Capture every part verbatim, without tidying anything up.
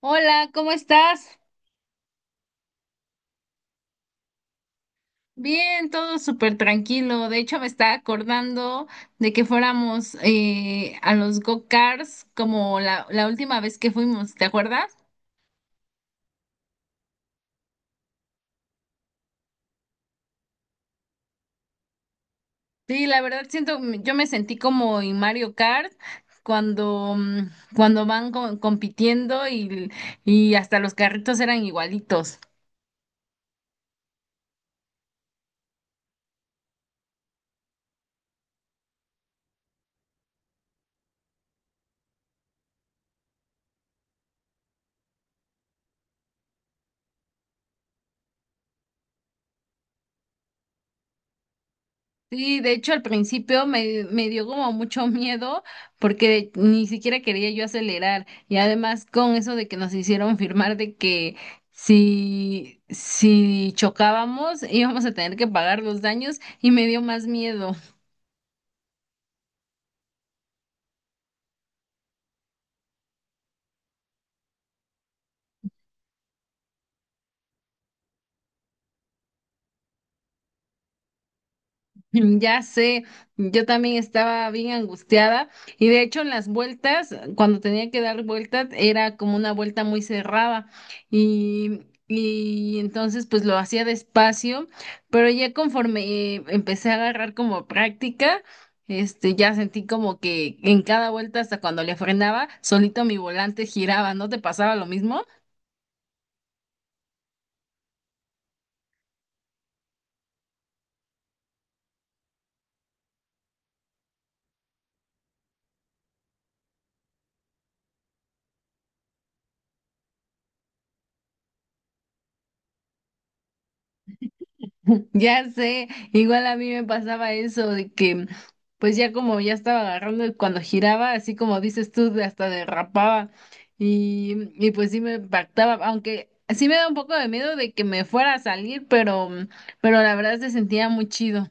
Hola, ¿cómo estás? Bien, todo súper tranquilo. De hecho, me estaba acordando de que fuéramos eh, a los go-karts como la, la última vez que fuimos, ¿te acuerdas? Sí, la verdad siento, yo me sentí como en Mario Kart cuando, mm, cuando van co- compitiendo y, y hasta los carritos eran igualitos. Sí, de hecho al principio me, me dio como mucho miedo porque ni siquiera quería yo acelerar y además con eso de que nos hicieron firmar de que si, si chocábamos íbamos a tener que pagar los daños y me dio más miedo. Ya sé, yo también estaba bien angustiada y de hecho en las vueltas, cuando tenía que dar vueltas, era como una vuelta muy cerrada y, y entonces pues lo hacía despacio, pero ya conforme eh, empecé a agarrar como práctica, este, ya sentí como que en cada vuelta hasta cuando le frenaba, solito mi volante giraba, ¿no te pasaba lo mismo? Ya sé, igual a mí me pasaba eso de que, pues ya como ya estaba agarrando y cuando giraba, así como dices tú, de- hasta derrapaba y, y pues sí me impactaba, aunque sí me da un poco de miedo de que me fuera a salir, pero, pero la verdad se sentía muy chido.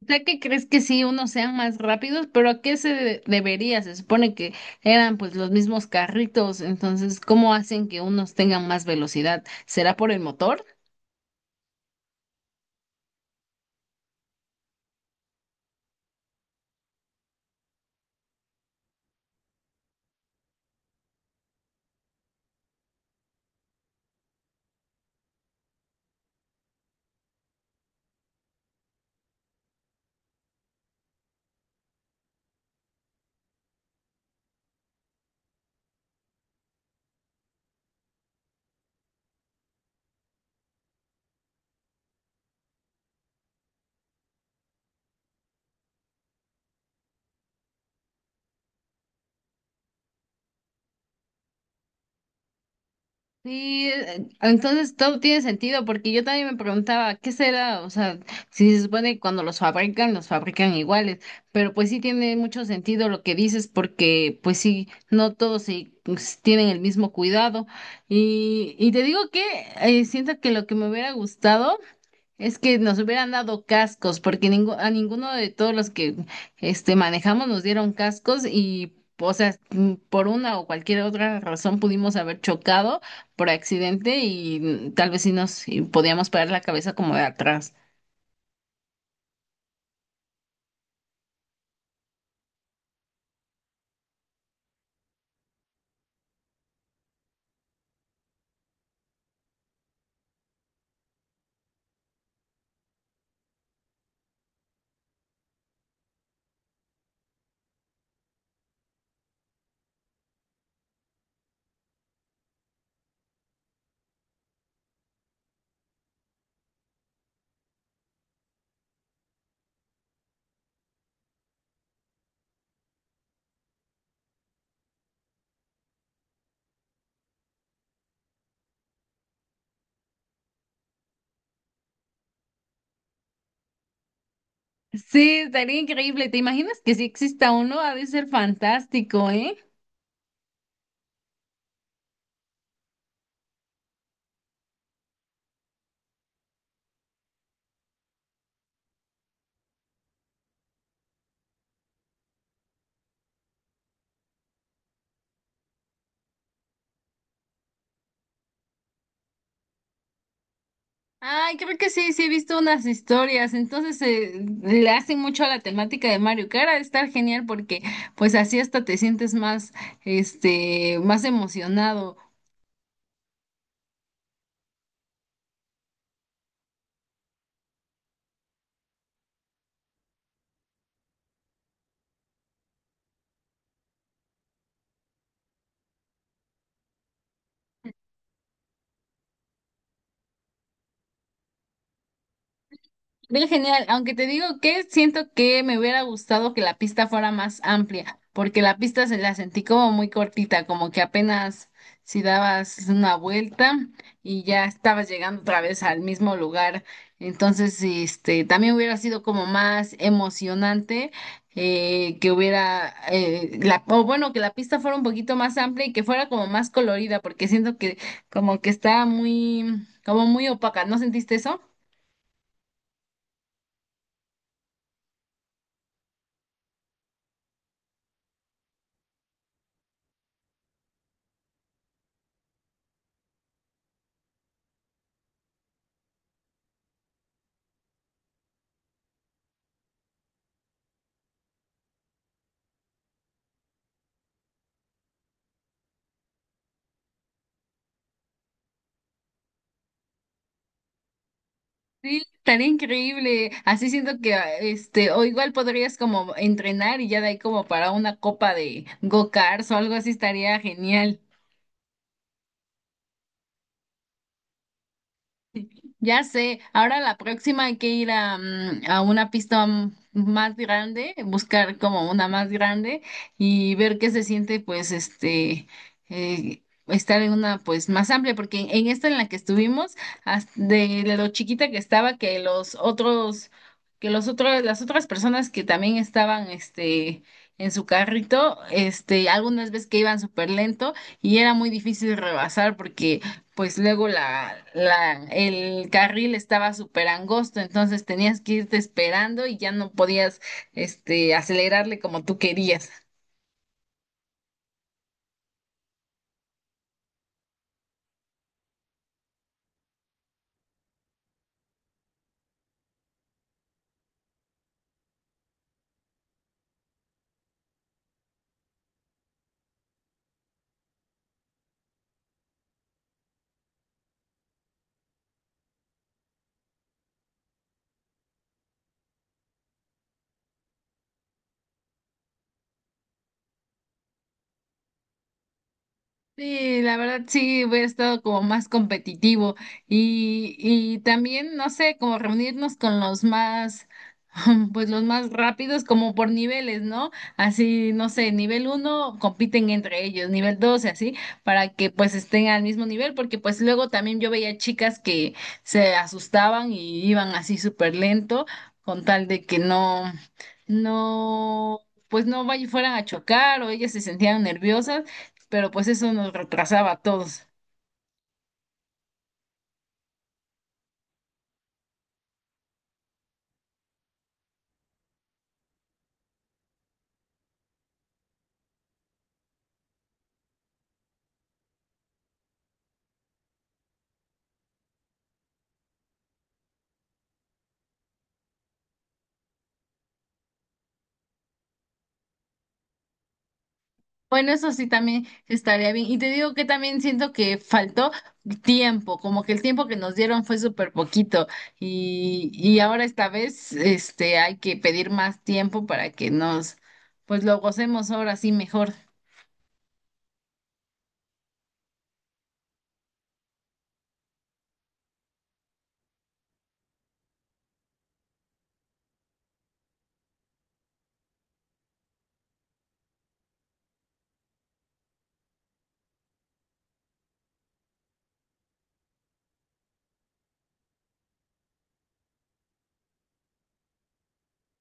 ¿Ya que crees que sí unos sean más rápidos? Pero ¿a qué se de- debería? Se supone que eran pues los mismos carritos, entonces ¿cómo hacen que unos tengan más velocidad? ¿Será por el motor? Sí, eh, entonces todo tiene sentido, porque yo también me preguntaba, ¿qué será? O sea, si se supone que cuando los fabrican, los fabrican iguales, pero pues sí tiene mucho sentido lo que dices, porque pues sí, no todos sí, pues, tienen el mismo cuidado. Y, y te digo que eh, siento que lo que me hubiera gustado es que nos hubieran dado cascos, porque ningu- a ninguno de todos los que este manejamos nos dieron cascos y, o sea, mm, por una o cualquier otra razón pudimos haber chocado por accidente y mm, tal vez sí nos y podíamos parar la cabeza como de atrás. Sí, estaría increíble. ¿Te imaginas que si exista uno? Ha de ser fantástico, ¿eh? Ay, creo que sí, sí he visto unas historias. Entonces eh, le hacen mucho a la temática de Mario Kart. Ha de estar genial porque pues así hasta te sientes más, este, más emocionado. Bien genial, aunque te digo que siento que me hubiera gustado que la pista fuera más amplia, porque la pista se la sentí como muy cortita, como que apenas si dabas una vuelta y ya estabas llegando otra vez al mismo lugar. Entonces, este, también hubiera sido como más emocionante eh, que hubiera, eh, la, o bueno, que la pista fuera un poquito más amplia y que fuera como más colorida, porque siento que como que está muy, como muy opaca. ¿No sentiste eso? Sí, estaría increíble. Así siento que, ah, este, o igual podrías como entrenar y ya de ahí como para una copa de go-karts o algo así estaría genial. Ya sé, ahora la próxima hay que ir a, mm, a una pista mm, más grande, buscar como una más grande y ver qué se siente, pues, este, eh, estar en una, pues, más amplia, porque en, en esta en la que estuvimos, as- de, de lo chiquita que estaba, que los otros, que los otros, las otras personas que también estaban, este, en su carrito, este, algunas veces que iban súper lento y era muy difícil rebasar porque pues luego la, la, el carril estaba súper angosto, entonces tenías que irte esperando y ya no podías, este, acelerarle como tú querías. Sí, la verdad sí hubiera estado como más competitivo y, y también, no sé, como reunirnos con los más, pues los más rápidos como por niveles, ¿no? Así, no sé, nivel uno compiten entre ellos, nivel dos y así, para que pues estén al mismo nivel, porque pues luego también yo veía chicas que se asustaban y iban así súper lento con tal de que no, no, pues no vay- fueran a chocar o ellas se sentían nerviosas pero pues eso nos retrasaba a todos. Bueno, eso sí también estaría bien. Y te digo que también siento que faltó tiempo, como que el tiempo que nos dieron fue súper poquito. Y, y ahora esta vez, este, hay que pedir más tiempo para que nos, pues lo gocemos ahora sí mejor.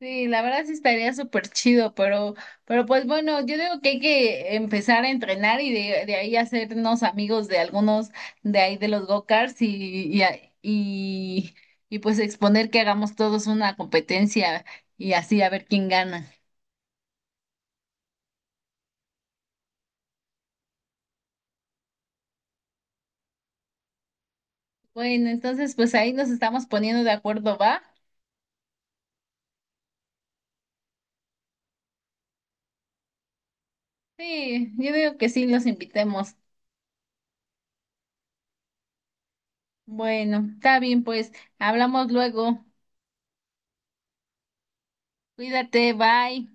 Sí, la verdad sí estaría súper chido, pero, pero pues bueno, yo digo que hay que empezar a entrenar y de, de ahí hacernos amigos de algunos de ahí de los go-karts y, y, a- y, y pues exponer que hagamos todos una competencia y así a ver quién gana. Bueno, entonces pues ahí nos estamos poniendo de acuerdo, ¿va? Sí, yo digo que sí, los invitemos. Bueno, está bien, pues hablamos luego. Cuídate, bye.